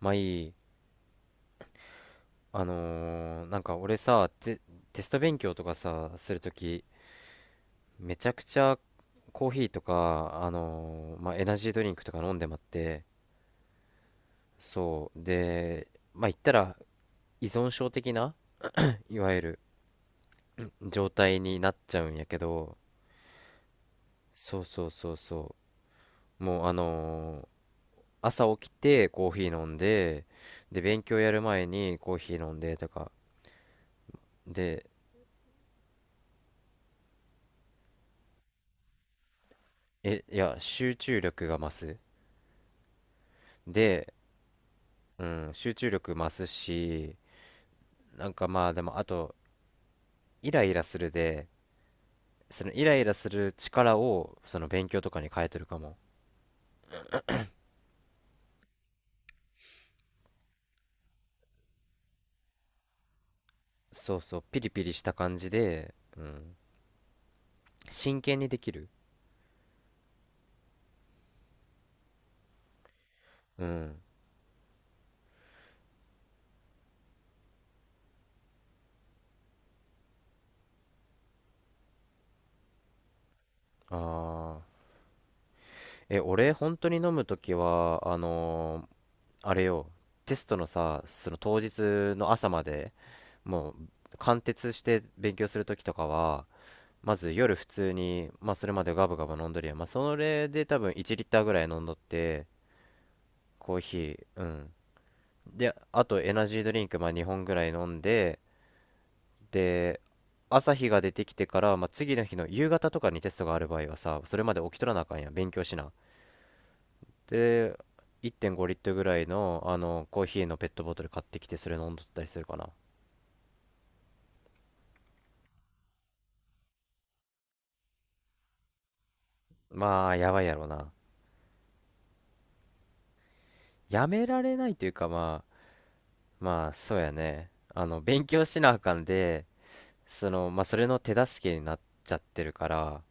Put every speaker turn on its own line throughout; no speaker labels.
まあいい。俺さ、テスト勉強とかさ、するとき、めちゃくちゃコーヒーとか、まあエナジードリンクとか飲んでまって、そう。で、まあ言ったら依存症的な、いわゆる状態になっちゃうんやけど、そうそうそうそう。もう朝起きてコーヒー飲んで、で、勉強やる前にコーヒー飲んでとか、で、いや、集中力が増す。で、うん、集中力増すし、なんかまあでもあと、イライラするで、そのイライラする力をその勉強とかに変えてるかも。そうそう、ピリピリした感じで、うん、真剣にできる。うん。ああ。え、俺、本当に飲むときは、あれよ、テストのさ、その当日の朝まで、もう、貫徹して勉強するときとかは、まず夜普通に、まあ、それまでガブガブ飲んどりやん、まあ、それで多分1リッターぐらい飲んどって、コーヒー。うん。であとエナジードリンク、まあ、2本ぐらい飲んで、で朝日が出てきてから、まあ、次の日の夕方とかにテストがある場合はさ、それまで起きとらなあかんやん、勉強しな。で1.5リットルぐらいの、あのコーヒーのペットボトル買ってきてそれ飲んどったりするかな。まあやばいやろな。やめられないというか、まあ、まあそうやね、あの勉強しなあかんで、その、まあ、それの手助けになっちゃってるから、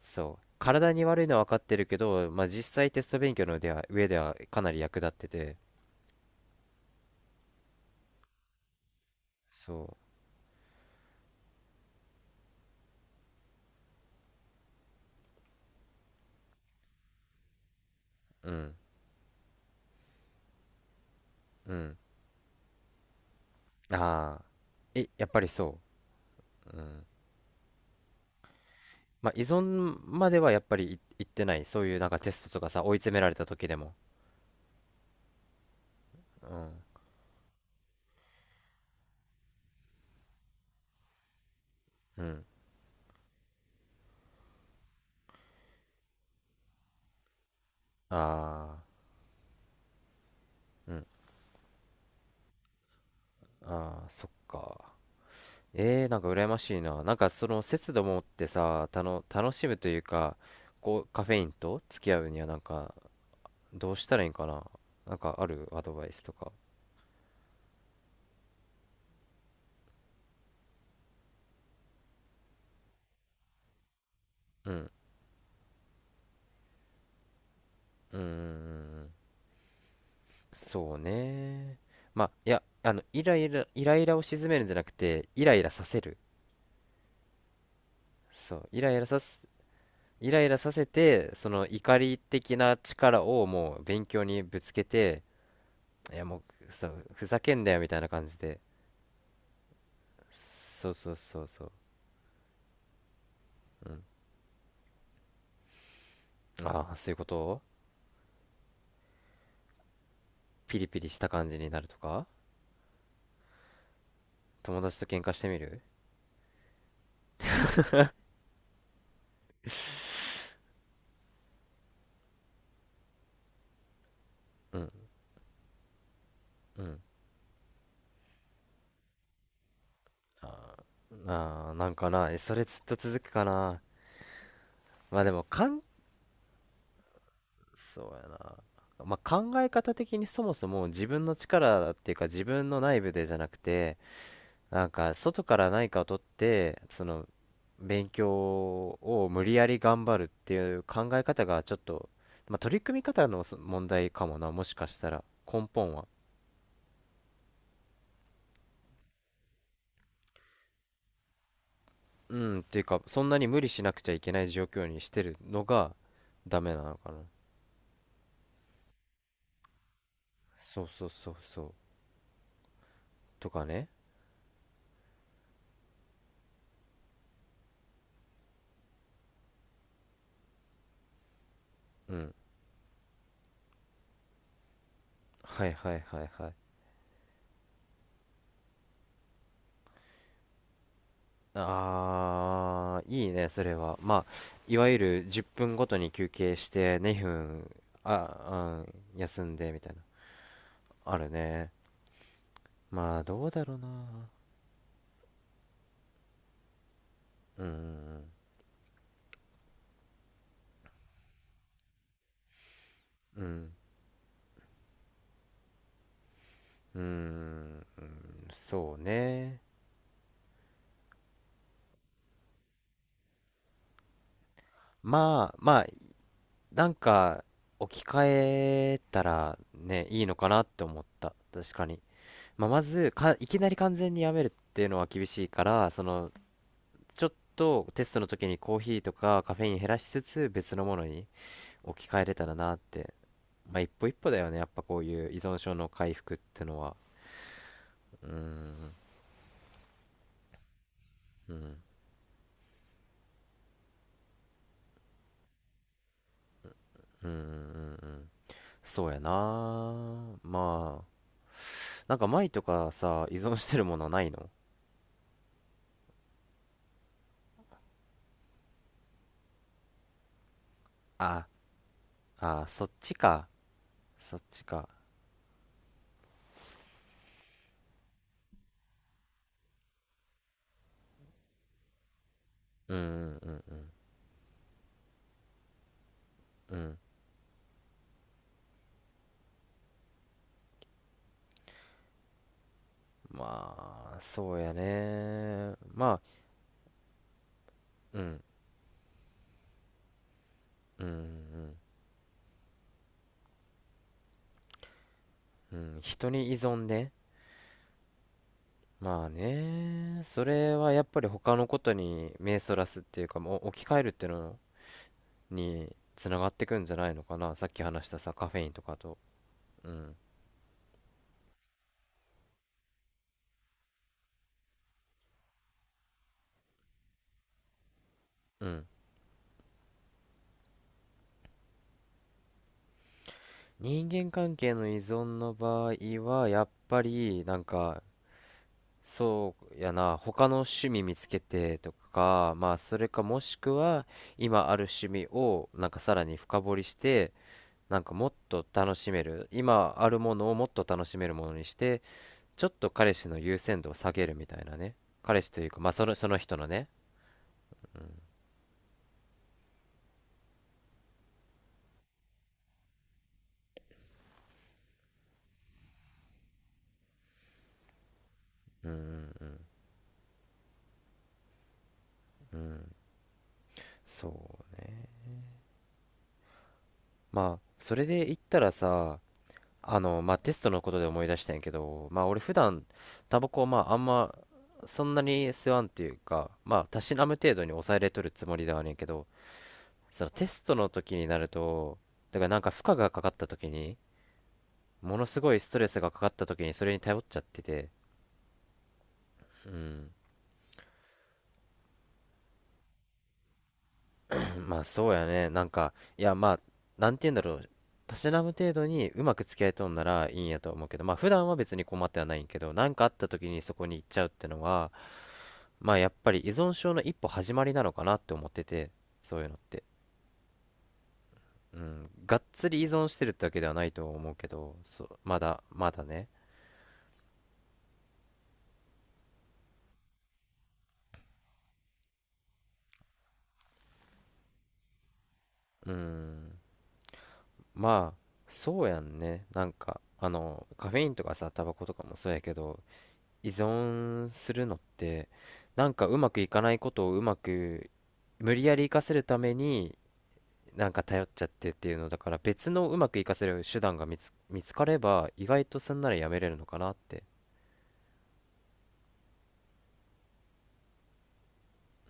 そう、体に悪いのは分かってるけど、まあ、実際テスト勉強のでは上ではかなり役立ってて、そう、うん、うん、ああ、やっぱりそう、うん。まあ、依存まではやっぱりいってない、そういうなんかテストとかさ、追い詰められた時でも、うん、うん、ああ、うん、ああ、そっか。えー、なんか羨ましいな。なんかその節度を持ってさ、楽しむというか、こう、カフェインと付き合うにはなんか、どうしたらいいんかな。なんかあるアドバイスとか。うん。うーん。そうね。まあ、いや、あの、イライラを鎮めるんじゃなくて、イライラさせる。そう。イライラさす、イライラさせて、その怒り的な力をもう勉強にぶつけて、いやもう、そう、ふざけんなよみたいな感じで。そうそうそうそう。ああ、そういうことを。ピリピリした感じになるとか、友達と喧嘩してみる。うん。うん。ああ、なんかな、えそれずっと続くかな。まあでも、そうやな。まあ考え方的にそもそも自分の力っていうか自分の内部でじゃなくて、なんか外から何かを取って、その勉強を無理やり頑張るっていう考え方がちょっと、まあ取り組み方の問題かもな、もしかしたら根本は。うん、っていうか、そんなに無理しなくちゃいけない状況にしてるのがダメなのかな。そうそうそうそう。とかね。うん。はいはいはいはい。あー、いいね、それは。まあ、いわゆる10分ごとに休憩してね分、あ、うん、休んでみたいな。あるね。まあ、どうだろうな。うん、うん、うん、そうね。まあ、まあ、なんか、置き換えたらね、いいのかなって思った。確かに。まあ、まずか、いきなり完全にやめるっていうのは厳しいから、その、ちょっとテストの時にコーヒーとかカフェイン減らしつつ別のものに置き換えれたらなって。まあ一歩一歩だよね。やっぱこういう依存症の回復ってのは。うーん、うん、うん、うん、うん。そうやな。まあ、なんか前とかさ、依存してるものないの？あ、あ、そっちか。そっちか。うん、うん、うん、うん。うん。まあ、そうやね。まあ、うん、うん、うん、うん。人に依存ね。まあね、それはやっぱり他のことに目そらすっていうか、もう置き換えるっていうのにつながってくんじゃないのかな。さっき話したさ、カフェインとかと。うん。うん。人間関係の依存の場合は、やっぱりなんか、そうやな、他の趣味見つけてとか、まあそれかもしくは今ある趣味をなんかさらに深掘りして、なんかもっと楽しめる、今あるものをもっと楽しめるものにして、ちょっと彼氏の優先度を下げるみたいなね。彼氏というかまあその、その人のね。うんうんうん。そうね。まあそれで言ったらさ、まあテストのことで思い出したんやけど、まあ俺普段タバコをまああんまそんなに吸わんっていうか、まあたしなむ程度に抑えれとるつもりではあるんやけど、そのテストの時になると、だからなんか負荷がかかった時に、ものすごいストレスがかかった時にそれに頼っちゃってて、うん、まあそうやね。なんか、いやまあ、なんて言うんだろう。たしなむ程度にうまく付き合いとんならいいんやと思うけど、まあ普段は別に困ってはないんけど、なんかあった時にそこに行っちゃうってのは、まあやっぱり依存症の一歩始まりなのかなって思ってて、そういうのって。うん、がっつり依存してるってわけではないと思うけど、そう、まだね。うん、まあ、そうやんね。なんか、あの、カフェインとかさ、タバコとかもそうやけど、依存するのってなんかうまくいかないことをうまく無理やり生かせるためになんか頼っちゃってっていうのだから、別のうまく生かせる手段が見つかれば意外とすんならやめれるのかなって。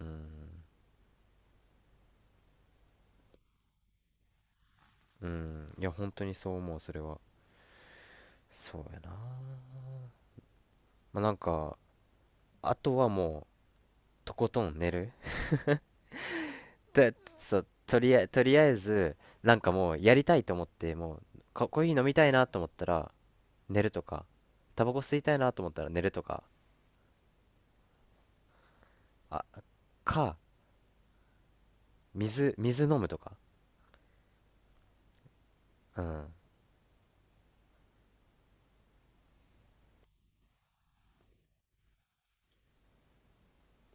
うん、うん、いや本当にそう思う、それは。そうやな。まあなんか、あとはもうとことん寝る。で、そう、とりあえず、なんかもうやりたいと思ってもうかコーヒー飲みたいなと思ったら寝るとか、タバコ吸いたいなと思ったら寝るとか、あか、水飲むとか。うん